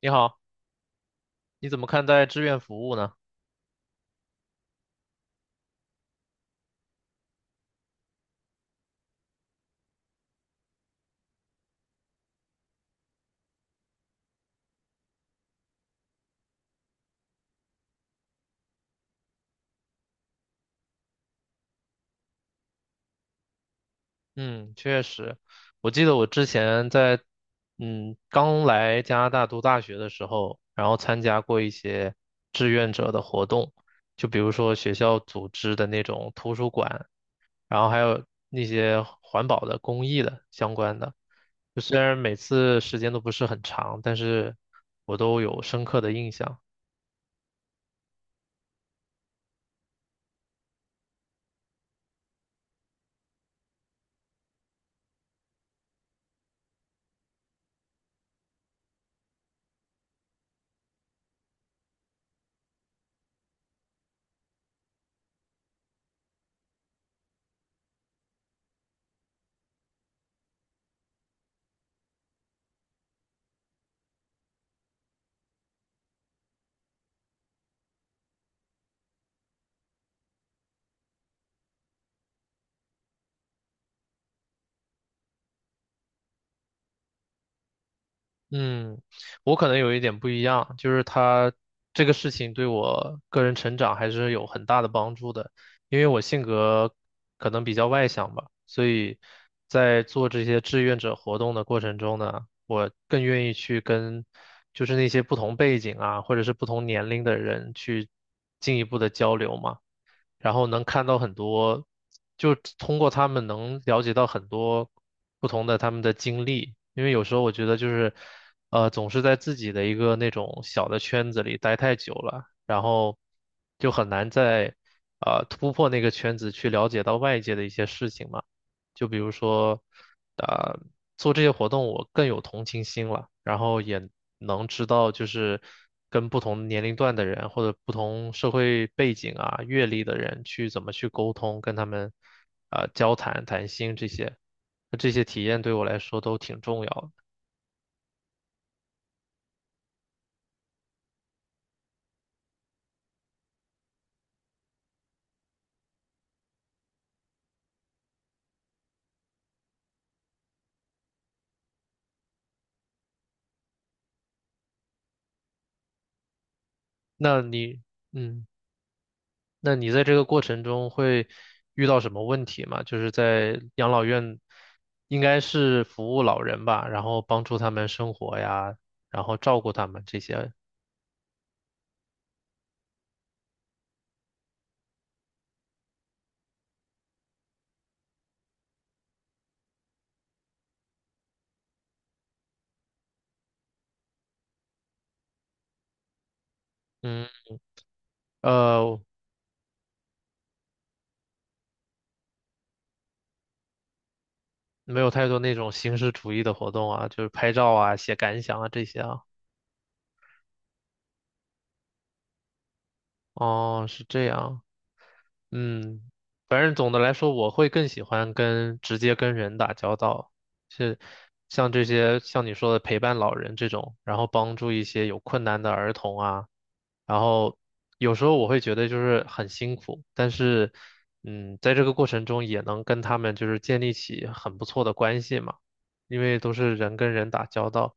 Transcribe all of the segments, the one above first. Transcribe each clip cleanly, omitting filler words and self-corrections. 你好，你怎么看待志愿服务呢？嗯，确实，我记得我之前在刚来加拿大读大学的时候，然后参加过一些志愿者的活动，就比如说学校组织的那种图书馆，然后还有那些环保的、公益的相关的。就虽然每次时间都不是很长，但是我都有深刻的印象。嗯，我可能有一点不一样，就是他这个事情对我个人成长还是有很大的帮助的，因为我性格可能比较外向吧，所以在做这些志愿者活动的过程中呢，我更愿意去跟就是那些不同背景啊，或者是不同年龄的人去进一步的交流嘛。然后能看到很多，就通过他们能了解到很多不同的他们的经历，因为有时候我觉得就是，总是在自己的一个那种小的圈子里待太久了，然后就很难再，突破那个圈子去了解到外界的一些事情嘛。就比如说，啊、做这些活动我更有同情心了，然后也能知道就是跟不同年龄段的人或者不同社会背景啊、阅历的人去怎么去沟通，跟他们啊、交谈、谈心这些，那这些体验对我来说都挺重要的。那你，嗯。那你在这个过程中会遇到什么问题吗？就是在养老院，应该是服务老人吧，然后帮助他们生活呀，然后照顾他们这些。嗯，呃，没有太多那种形式主义的活动啊，就是拍照啊、写感想啊这些啊。哦，是这样。嗯，反正总的来说，我会更喜欢跟直接跟人打交道，是像这些像你说的陪伴老人这种，然后帮助一些有困难的儿童啊，然后有时候我会觉得就是很辛苦，但是嗯，在这个过程中也能跟他们就是建立起很不错的关系嘛，因为都是人跟人打交道，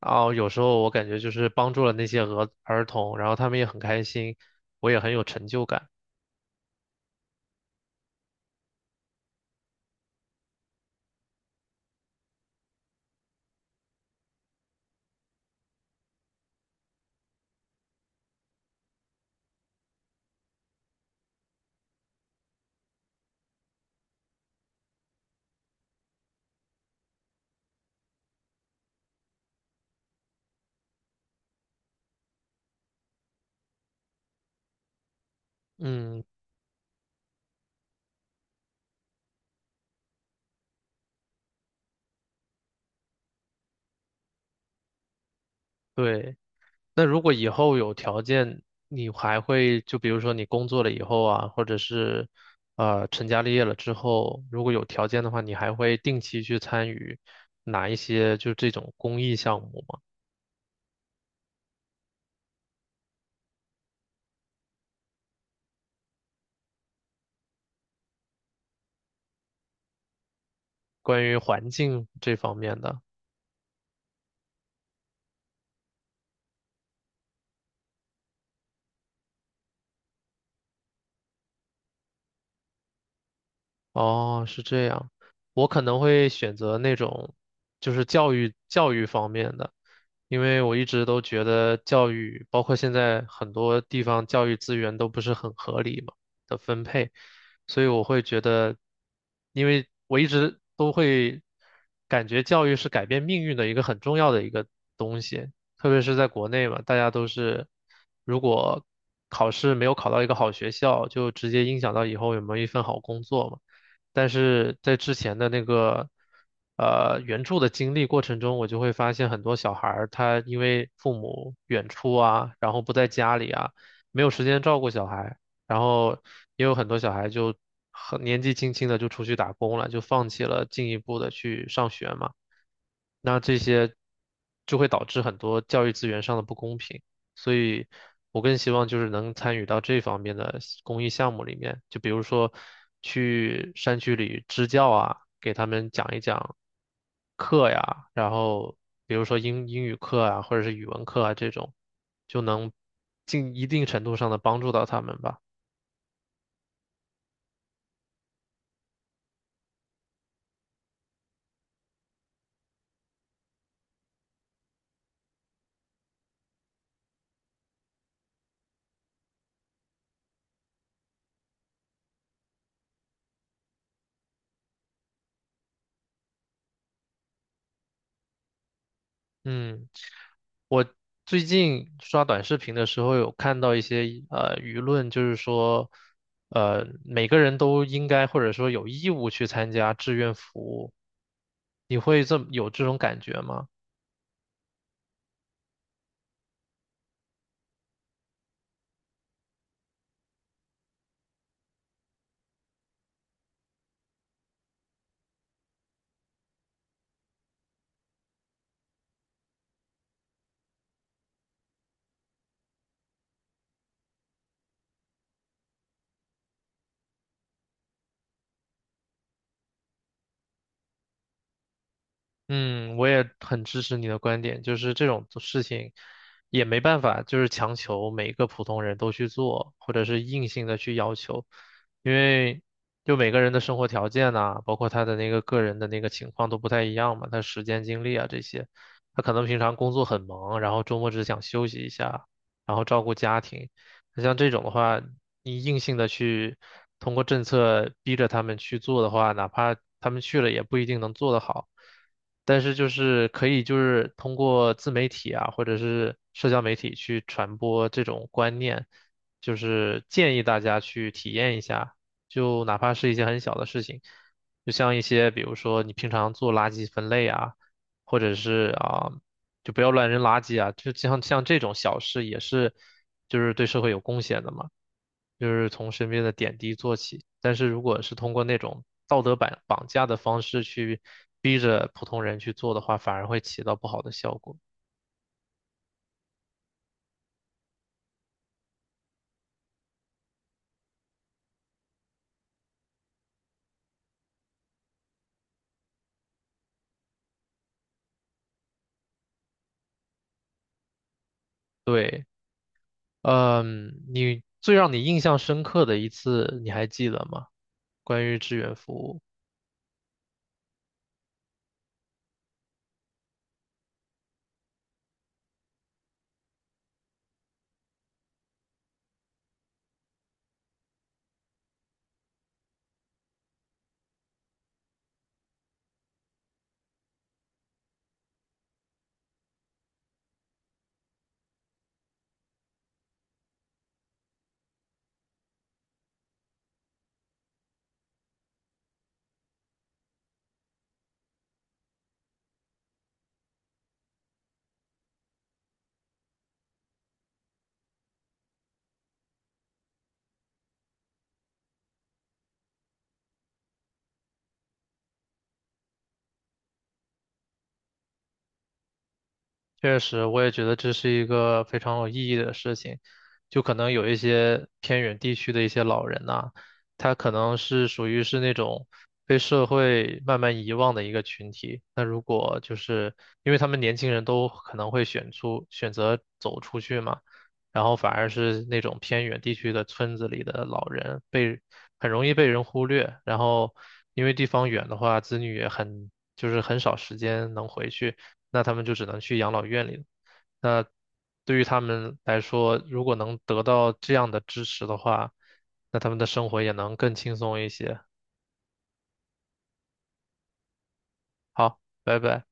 然后有时候我感觉就是帮助了那些儿童，然后他们也很开心，我也很有成就感。嗯，对。那如果以后有条件，你还会就比如说你工作了以后啊，或者是成家立业了之后，如果有条件的话，你还会定期去参与哪一些就这种公益项目吗？关于环境这方面的。哦，是这样，我可能会选择那种就是教育方面的，因为我一直都觉得教育，包括现在很多地方教育资源都不是很合理嘛的分配，所以我会觉得，因为我一直都会感觉教育是改变命运的一个很重要的一个东西，特别是在国内嘛，大家都是如果考试没有考到一个好学校，就直接影响到以后有没有一份好工作嘛。但是在之前的那个援助的经历过程中，我就会发现很多小孩儿他因为父母远出啊，然后不在家里啊，没有时间照顾小孩，然后也有很多小孩就很年纪轻轻的就出去打工了，就放弃了进一步的去上学嘛。那这些就会导致很多教育资源上的不公平，所以我更希望就是能参与到这方面的公益项目里面，就比如说去山区里支教啊，给他们讲一讲课呀，然后比如说英语课啊，或者是语文课啊这种，就能尽一定程度上的帮助到他们吧。嗯。我最近刷短视频的时候，有看到一些舆论，就是说，每个人都应该或者说有义务去参加志愿服务。你会这么有这种感觉吗？嗯，我也很支持你的观点，就是这种事情也没办法，就是强求每个普通人都去做，或者是硬性的去要求，因为就每个人的生活条件呐、包括他的那个个人的那个情况都不太一样嘛，他时间精力啊这些，他可能平常工作很忙，然后周末只想休息一下，然后照顾家庭，那像这种的话，你硬性的去通过政策逼着他们去做的话，哪怕他们去了也不一定能做得好。但是就是可以就是通过自媒体啊，或者是社交媒体去传播这种观念，就是建议大家去体验一下，就哪怕是一些很小的事情，就像一些比如说你平常做垃圾分类啊，或者是啊，就不要乱扔垃圾啊，像这种小事也是就是对社会有贡献的嘛。就是从身边的点滴做起。但是如果是通过那种道德绑架的方式去逼着普通人去做的话，反而会起到不好的效果。对，嗯，让你印象深刻的一次，你还记得吗？关于志愿服务。确实，我也觉得这是一个非常有意义的事情。就可能有一些偏远地区的一些老人呐、他可能是属于是那种被社会慢慢遗忘的一个群体。那如果就是因为他们年轻人都可能会选择走出去嘛，然后反而是那种偏远地区的村子里的老人被很容易被人忽略，然后因为地方远的话，子女也很就是很少时间能回去，那他们就只能去养老院里了，那对于他们来说，如果能得到这样的支持的话，那他们的生活也能更轻松一些。好，拜拜。